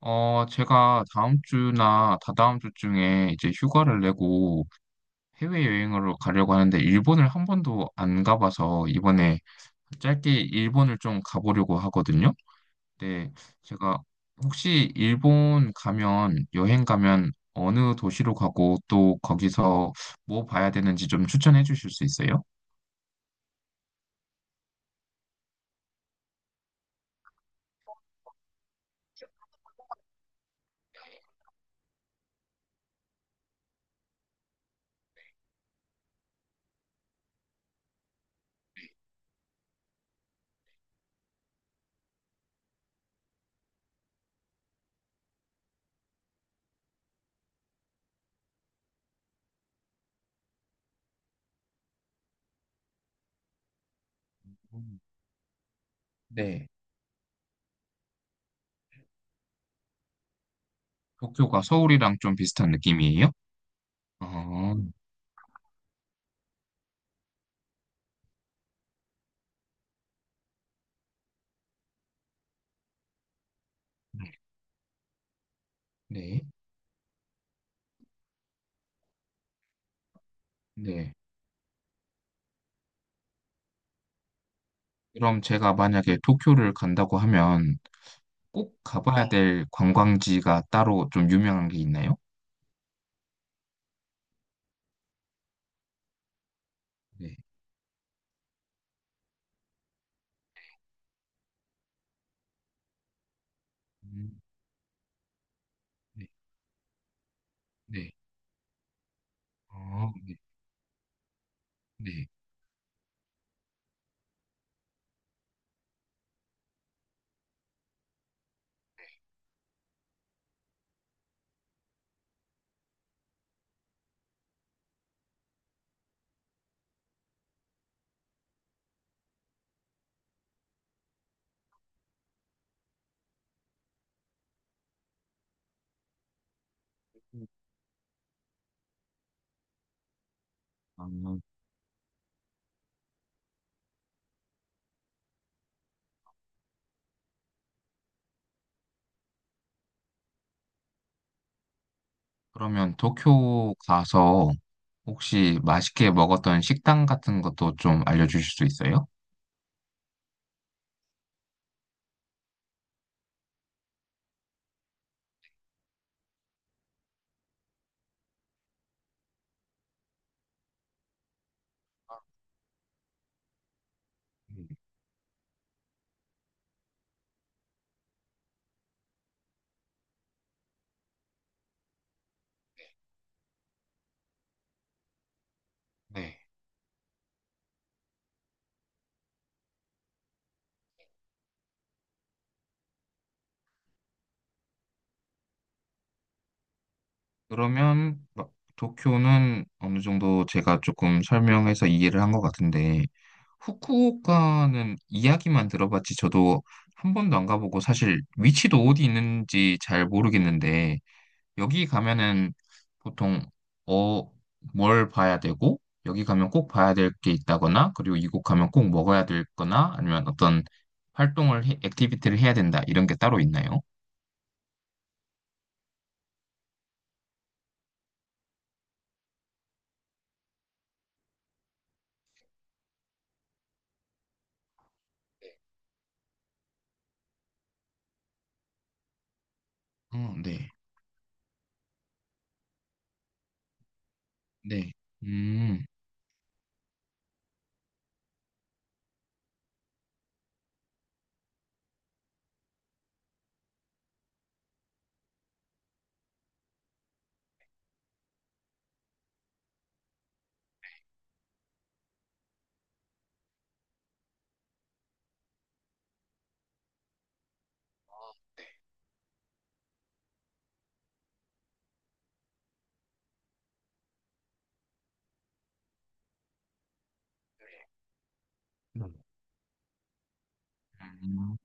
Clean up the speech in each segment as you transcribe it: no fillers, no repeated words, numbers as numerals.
어, 제가 다음 주나 다다음 주쯤에 이제 휴가를 내고 해외여행으로 가려고 하는데, 일본을 한 번도 안 가봐서 이번에 짧게 일본을 좀 가보려고 하거든요. 근데 제가 혹시 일본 가면, 여행 가면 어느 도시로 가고 또 거기서 뭐 봐야 되는지 좀 추천해 주실 수 있어요? 음. 네. 도쿄가 서울이랑 좀 비슷한 느낌이에요? 어, 네. 네. 그럼 제가 만약에 도쿄를 간다고 하면 꼭 가봐야, 네. 될 관광지가 따로 좀 유명한 게 있나요? 네. 음, 네. 네. 어, 네. 네. 아, 그러면 도쿄 가서 혹시 맛있게 먹었던 식당 같은 것도 좀 알려주실 수 있어요? 음, 네. 그러면 막 도쿄는 어느 정도 제가 조금 설명해서 이해를 한 것 같은데, 후쿠오카는 이야기만 들어봤지 저도 한 번도 안 가보고 사실 위치도 어디 있는지 잘 모르겠는데, 여기 가면은 보통 어, 뭘 봐야 되고 여기 가면 꼭 봐야 될 게 있다거나, 그리고 이곳 가면 꼭 먹어야 될 거나, 아니면 어떤 활동을 액티비티를 해야 된다, 이런 게 따로 있나요? 어, 네. 네. 음.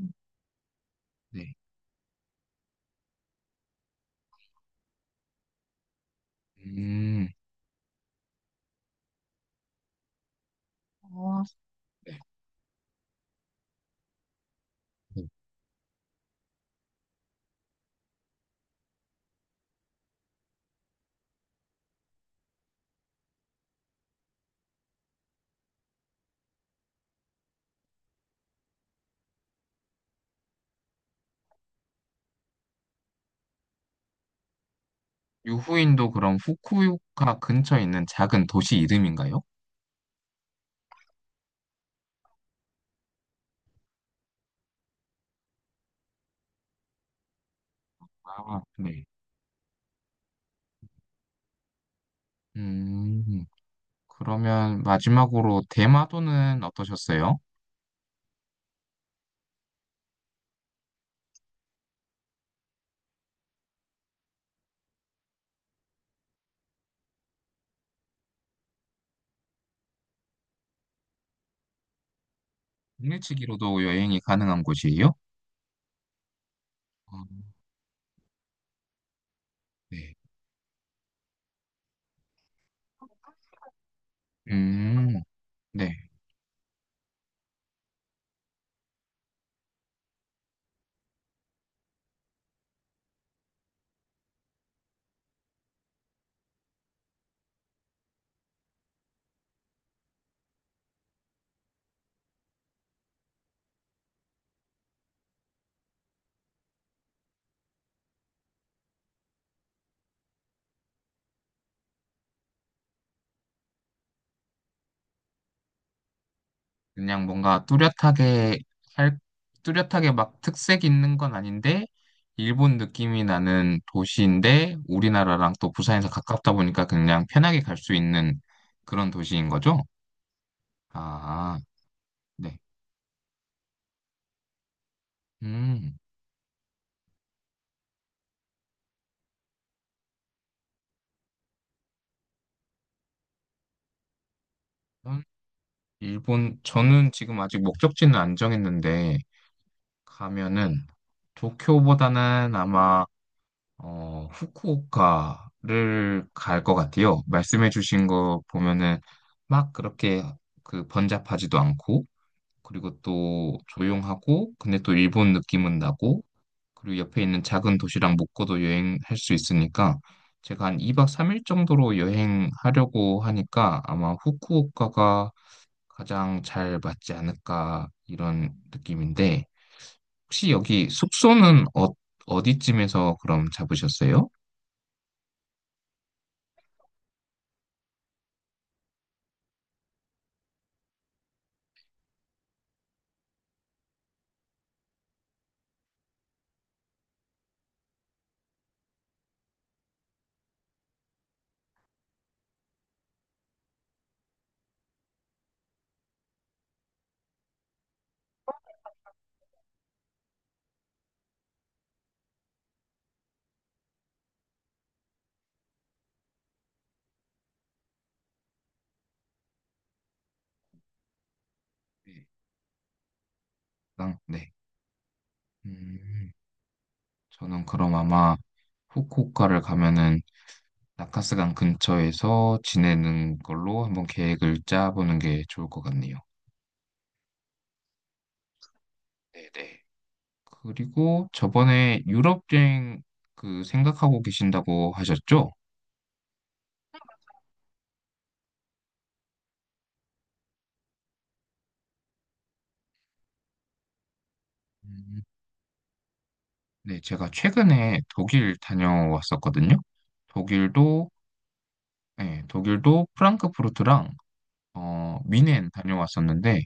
음. 네. 음. 어, 네. 유후인도 그럼 후쿠오카 근처에 있는 작은 도시 이름인가요? 아, 네. 음, 그러면 마지막으로 대마도는 어떠셨어요? 당일치기로도 여행이 가능한 곳이에요? 아, 네. 음, 네. 그냥 뭔가 뚜렷하게 할, 뚜렷하게 막 특색 있는 건 아닌데, 일본 느낌이 나는 도시인데, 우리나라랑 또 부산에서 가깝다 보니까 그냥 편하게 갈 수 있는 그런 도시인 거죠? 아, 네. 음. 음, 일본, 저는 지금 아직 목적지는 안 정했는데, 가면은 도쿄보다는 아마, 어, 후쿠오카를 갈 것 같아요. 말씀해주신 거 보면은 막 그렇게 그 번잡하지도 않고, 그리고 또 조용하고, 근데 또 일본 느낌은 나고, 그리고 옆에 있는 작은 도시랑 묶어도 여행할 수 있으니까, 제가 한 2박 3일 정도로 여행하려고 하니까 아마 후쿠오카가 가장 잘 맞지 않을까 이런 느낌인데, 혹시 여기 숙소는 어, 어디쯤에서 그럼 잡으셨어요? 네. 땅, 네. 음, 저는 그럼 아마 후쿠오카를 가면은 나카스강 근처에서 지내는 걸로 한번 계획을 짜보는 게 좋을 것 같네요. 네네. 그리고 저번에 유럽 여행 그 생각하고 계신다고 하셨죠? 음, 네, 제가 최근에 독일 다녀왔었거든요. 독일도 네, 독일도 프랑크푸르트랑 어, 뮌넨 다녀왔었는데,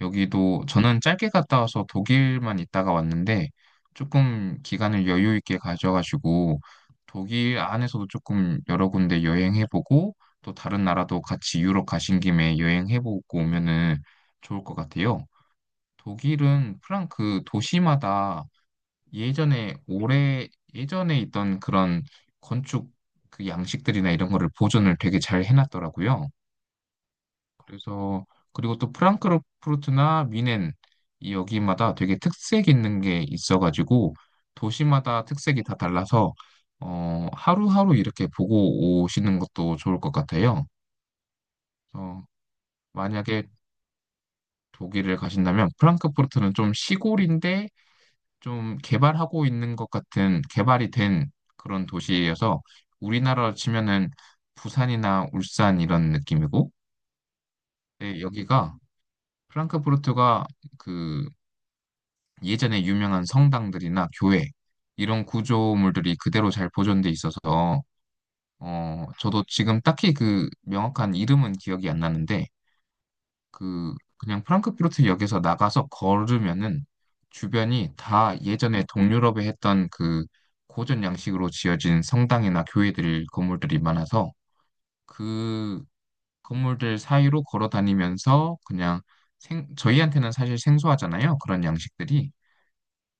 여기도 저는 짧게 갔다 와서 독일만 있다가 왔는데, 조금 기간을 여유 있게 가져가지고 독일 안에서도 조금 여러 군데 여행해보고 또 다른 나라도 같이 유럽 가신 김에 여행해보고 오면은 좋을 것 같아요. 독일은 프랑크 도시마다 예전에 올해 예전에 있던 그런 건축 그 양식들이나 이런 거를 보존을 되게 잘 해놨더라고요. 그래서 그리고 또 프랑크푸르트나 미넨, 이 여기마다 되게 특색 있는 게 있어가지고 도시마다 특색이 다 달라서 어, 하루하루 이렇게 보고 오시는 것도 좋을 것 같아요. 어, 만약에 독일을 가신다면 프랑크푸르트는 좀 시골인데 좀 개발하고 있는 것 같은, 개발이 된 그런 도시여서 우리나라로 치면은 부산이나 울산 이런 느낌이고, 네, 여기가 프랑크푸르트가 그 예전에 유명한 성당들이나 교회, 이런 구조물들이 그대로 잘 보존돼 있어서, 어 저도 지금 딱히 그 명확한 이름은 기억이 안 나는데, 그 그냥 프랑크푸르트 역에서 나가서 걸으면은 주변이 다 예전에 동유럽에 했던 그 고전 양식으로 지어진 성당이나 교회들, 건물들이 많아서 그 건물들 사이로 걸어 다니면서 그냥 저희한테는 사실 생소하잖아요, 그런 양식들이.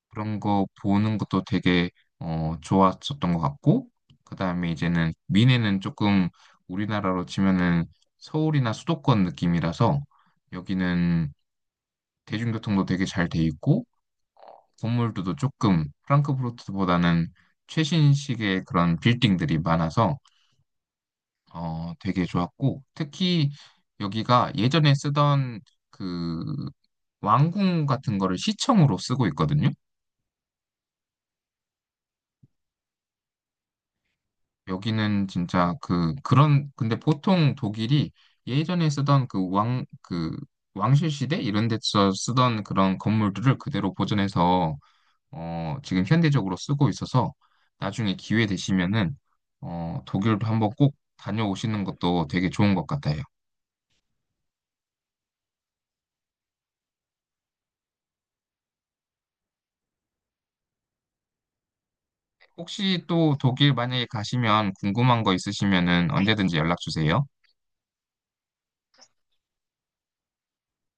그런 거 보는 것도 되게 어, 좋았었던 것 같고, 그 다음에 이제는 미네는 조금 우리나라로 치면은 서울이나 수도권 느낌이라서 여기는 대중교통도 되게 잘 돼 있고, 건물들도 조금 프랑크푸르트보다는 최신식의 그런 빌딩들이 많아서 어, 되게 좋았고, 특히 여기가 예전에 쓰던 그 왕궁 같은 거를 시청으로 쓰고 있거든요. 여기는 진짜 그 그런, 근데 보통 독일이 예전에 쓰던 그 왕 그 왕실 시대 이런 데서 쓰던 그런 건물들을 그대로 보존해서 어 지금 현대적으로 쓰고 있어서 나중에 기회 되시면은 어 독일도 한번 꼭 다녀오시는 것도 되게 좋은 것 같아요. 혹시 또 독일 만약에 가시면 궁금한 거 있으시면은 언제든지 연락 주세요.